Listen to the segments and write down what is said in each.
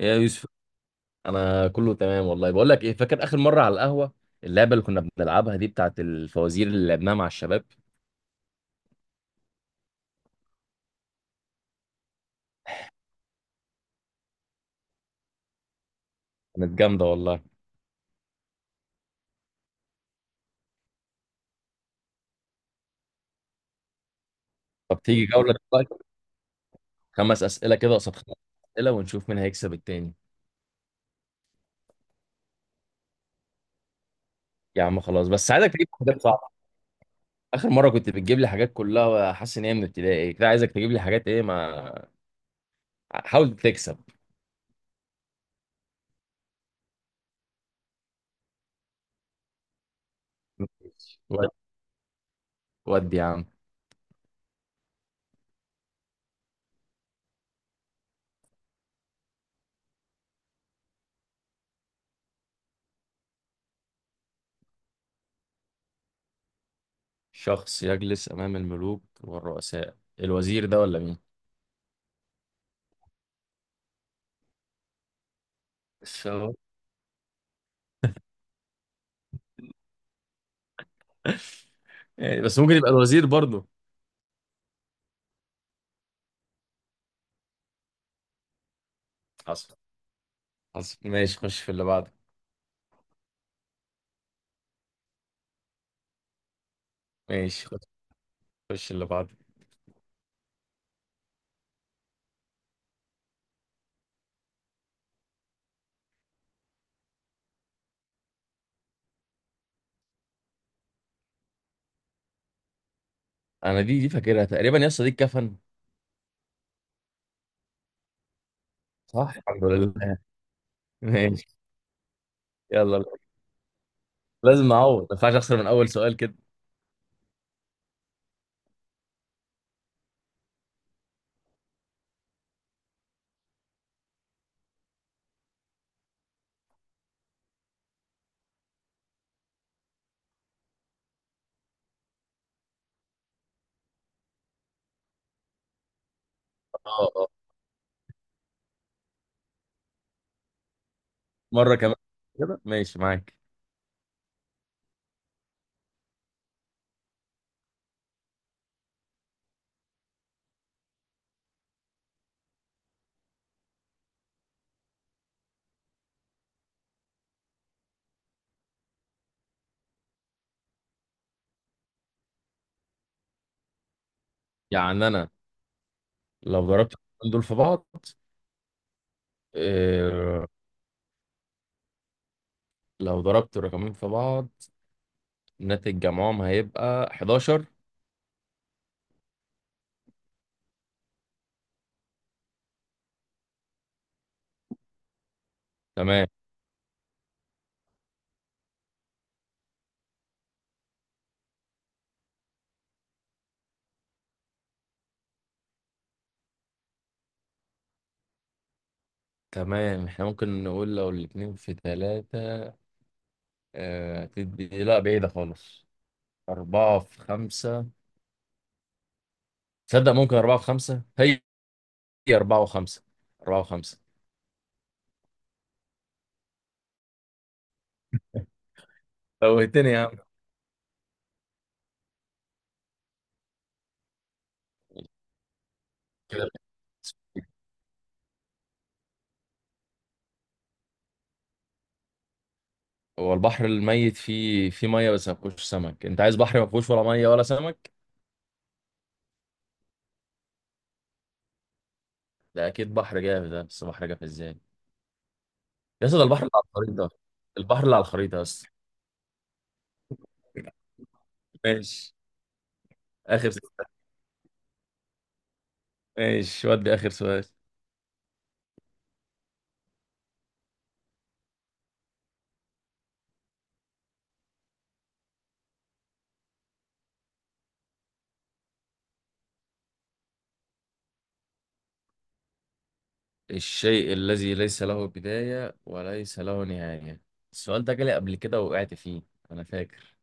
إيه يا يوسف، انا كله تمام والله. بقول لك ايه، فاكر اخر مره على القهوه اللعبه اللي كنا بنلعبها دي بتاعت الفوازير اللي لعبناها مع الشباب؟ كانت جامده والله. طب تيجي جوله دلوقتي؟ خمس اسئله كده قصاد خمس اسئله، ونشوف مين هيكسب التاني. يا عم خلاص، بس عايزك تجيب حاجات صعبه. اخر مره كنت بتجيب لي حاجات كلها حاسس ان هي من ابتدائي، كده عايزك تجيب لي حاجات ايه ما، حاول تكسب. ود ودي يا عم. شخص يجلس امام الملوك والرؤساء، الوزير ده ولا مين؟ الشاور، يعني. بس ممكن يبقى الوزير برضه. حصل، حصل، ماشي، خش في اللي بعده. ماشي، خش، خش اللي بعده. انا دي فاكرها تقريبا يا اسطى، دي الكفن. صح، الحمد لله. ماشي. يلا، لازم اعوض، ما ينفعش اخسر من اول سؤال كده. اه، اه، مره كمان كده ماشي معاك. يعني انا لو ضربت الرقمين دول في بعض، إيه، لو ضربت الرقمين في بعض ناتج جمعهم هيبقى 11؟ تمام. تمام، احنا ممكن نقول لو الاتنين في 3. تدي لا، بعيدة خالص. أربعة في خمسة. تصدق ممكن أربعة في خمسة؟ هي أربعة وخمسة، أربعة وخمسة. فوهتني يا عم، كده. هو البحر الميت فيه مية بس ما فيهوش سمك. أنت عايز بحر ما فيهوش ولا مية ولا سمك؟ ده أكيد بحر جاف، ده بس بحر جاف إزاي؟ يا اسطى، ده البحر اللي على الخريطة، البحر اللي على الخريطة بس. ماشي، آخر سؤال. ماشي، ودي آخر سؤال. الشيء الذي ليس له بداية وليس له نهاية. السؤال ده جالي قبل كده ووقعت فيه، أنا فاكر.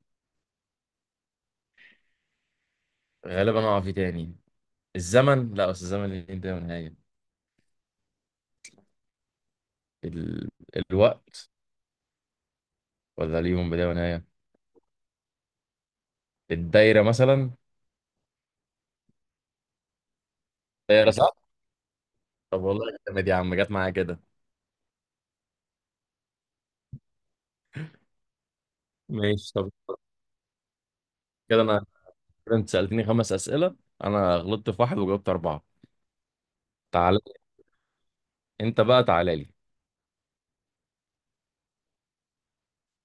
غالبا هقع فيه تاني. الزمن، لا، بس الزمن ليه بداية ونهاية. ال... الوقت، ولا ليهم بداية ونهاية؟ الدايرة مثلا. دايرة، صح، صح. طب والله جامد يا عم، جت معايا كده. ماشي، طب. كده انا كده انت سألتني خمس أسئلة، انا غلطت في واحد وجاوبت أربعة. تعال، انت بقى تعالى لي.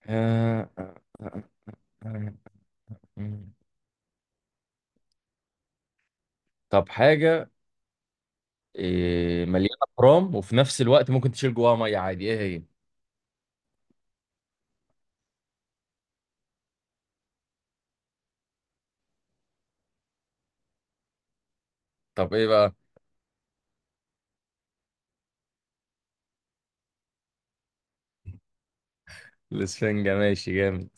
آه، آه، آه، آه، آه. آه. طب حاجة، إيه، مليانة برام وفي نفس الوقت ممكن تشيل جواها مية عادي، ايه هي؟ طب ايه بقى؟ الاسفنجة، ماشي، جامد.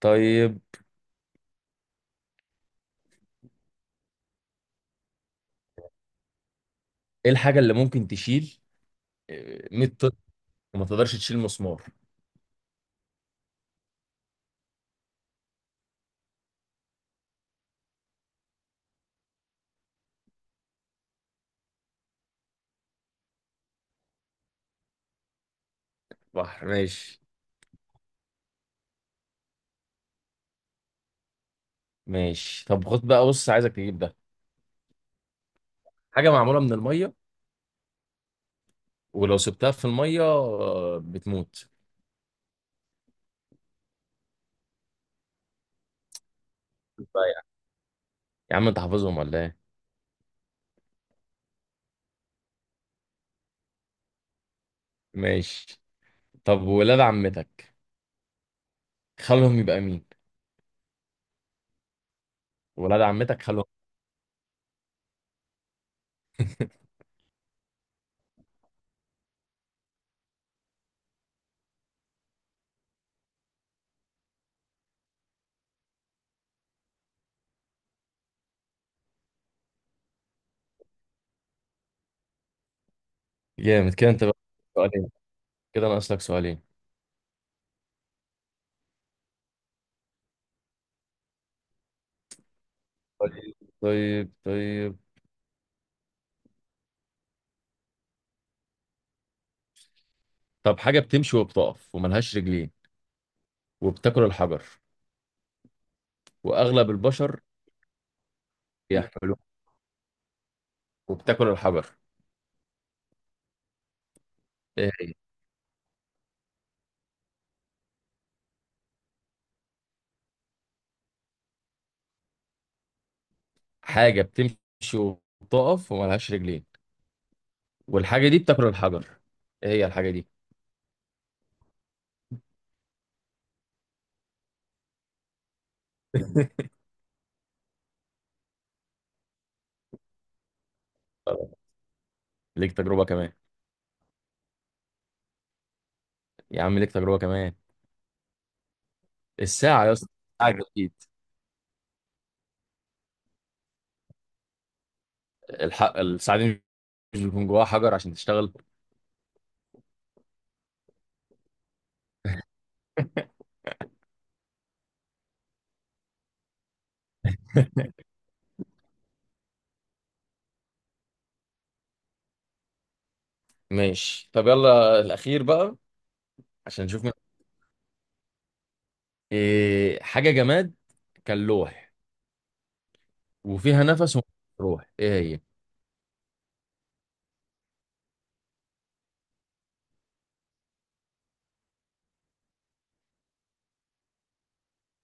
طيب ايه الحاجة اللي ممكن تشيل 100 طن وما تقدرش تشيل مسمار؟ بحر، ماشي. ماشي، طب خد بقى، بص عايزك تجيب ده. حاجة معمولة من المية، ولو سبتها في المية بتموت. بقى يعني. يا عم انت حافظهم ولا ايه؟ ماشي، طب ولاد عمتك خلهم يبقى مين؟ ولاد عمتك خلهم. جامد كده انت بقى. سؤالين، كده ناقص لك سؤالين. طيب، طيب، طيب، طب حاجة بتمشي وبتقف وملهاش رجلين، وبتاكل الحجر، وأغلب البشر بيحملوه، وبتاكل الحجر. آه، حاجة بتمشي وبتقف وملهاش رجلين، والحاجة دي بتاكل الحجر، ايه هي الحاجة دي؟ طب، ليك تجربة كمان. يا عم ليك تجربة كمان. الساعة يا اسطى، الساعة أكيد. الحق، الساعة دي مش بيكون جواها حجر عشان تشتغل؟ ماشي، طب يلا الأخير بقى. عشان نشوف إيه حاجة جماد كان لوح، وفيها نفس وما فيهاش روح، ايه هي؟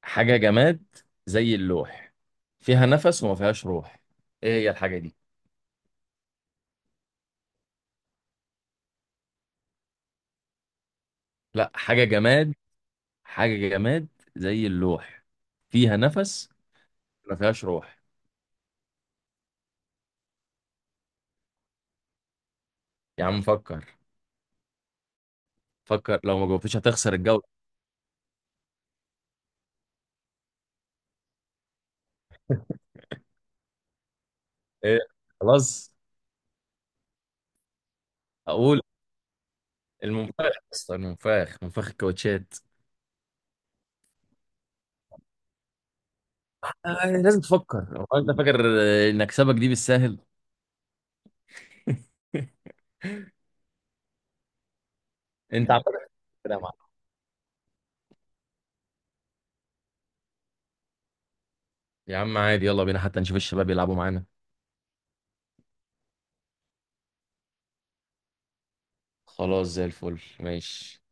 حاجة جماد زي اللوح، فيها نفس وما فيهاش روح، ايه هي الحاجة دي؟ لا، حاجة جماد. حاجة جماد زي اللوح، فيها نفس، ما فيهاش روح. يا عم فكر، فكر، لو ما جاوبتش هتخسر الجولة. ايه، خلاص، اقول. المنفاخ، اصلا المنفاخ، منفاخ الكاوتشات. لازم تفكر. هو انت فاكر ان اكسبك دي بالسهل؟ انت عمال كده يا معلم. يا عم عادي، يلا بينا حتى نشوف الشباب يلعبوا معانا. خلاص، زي الفل، ماشي.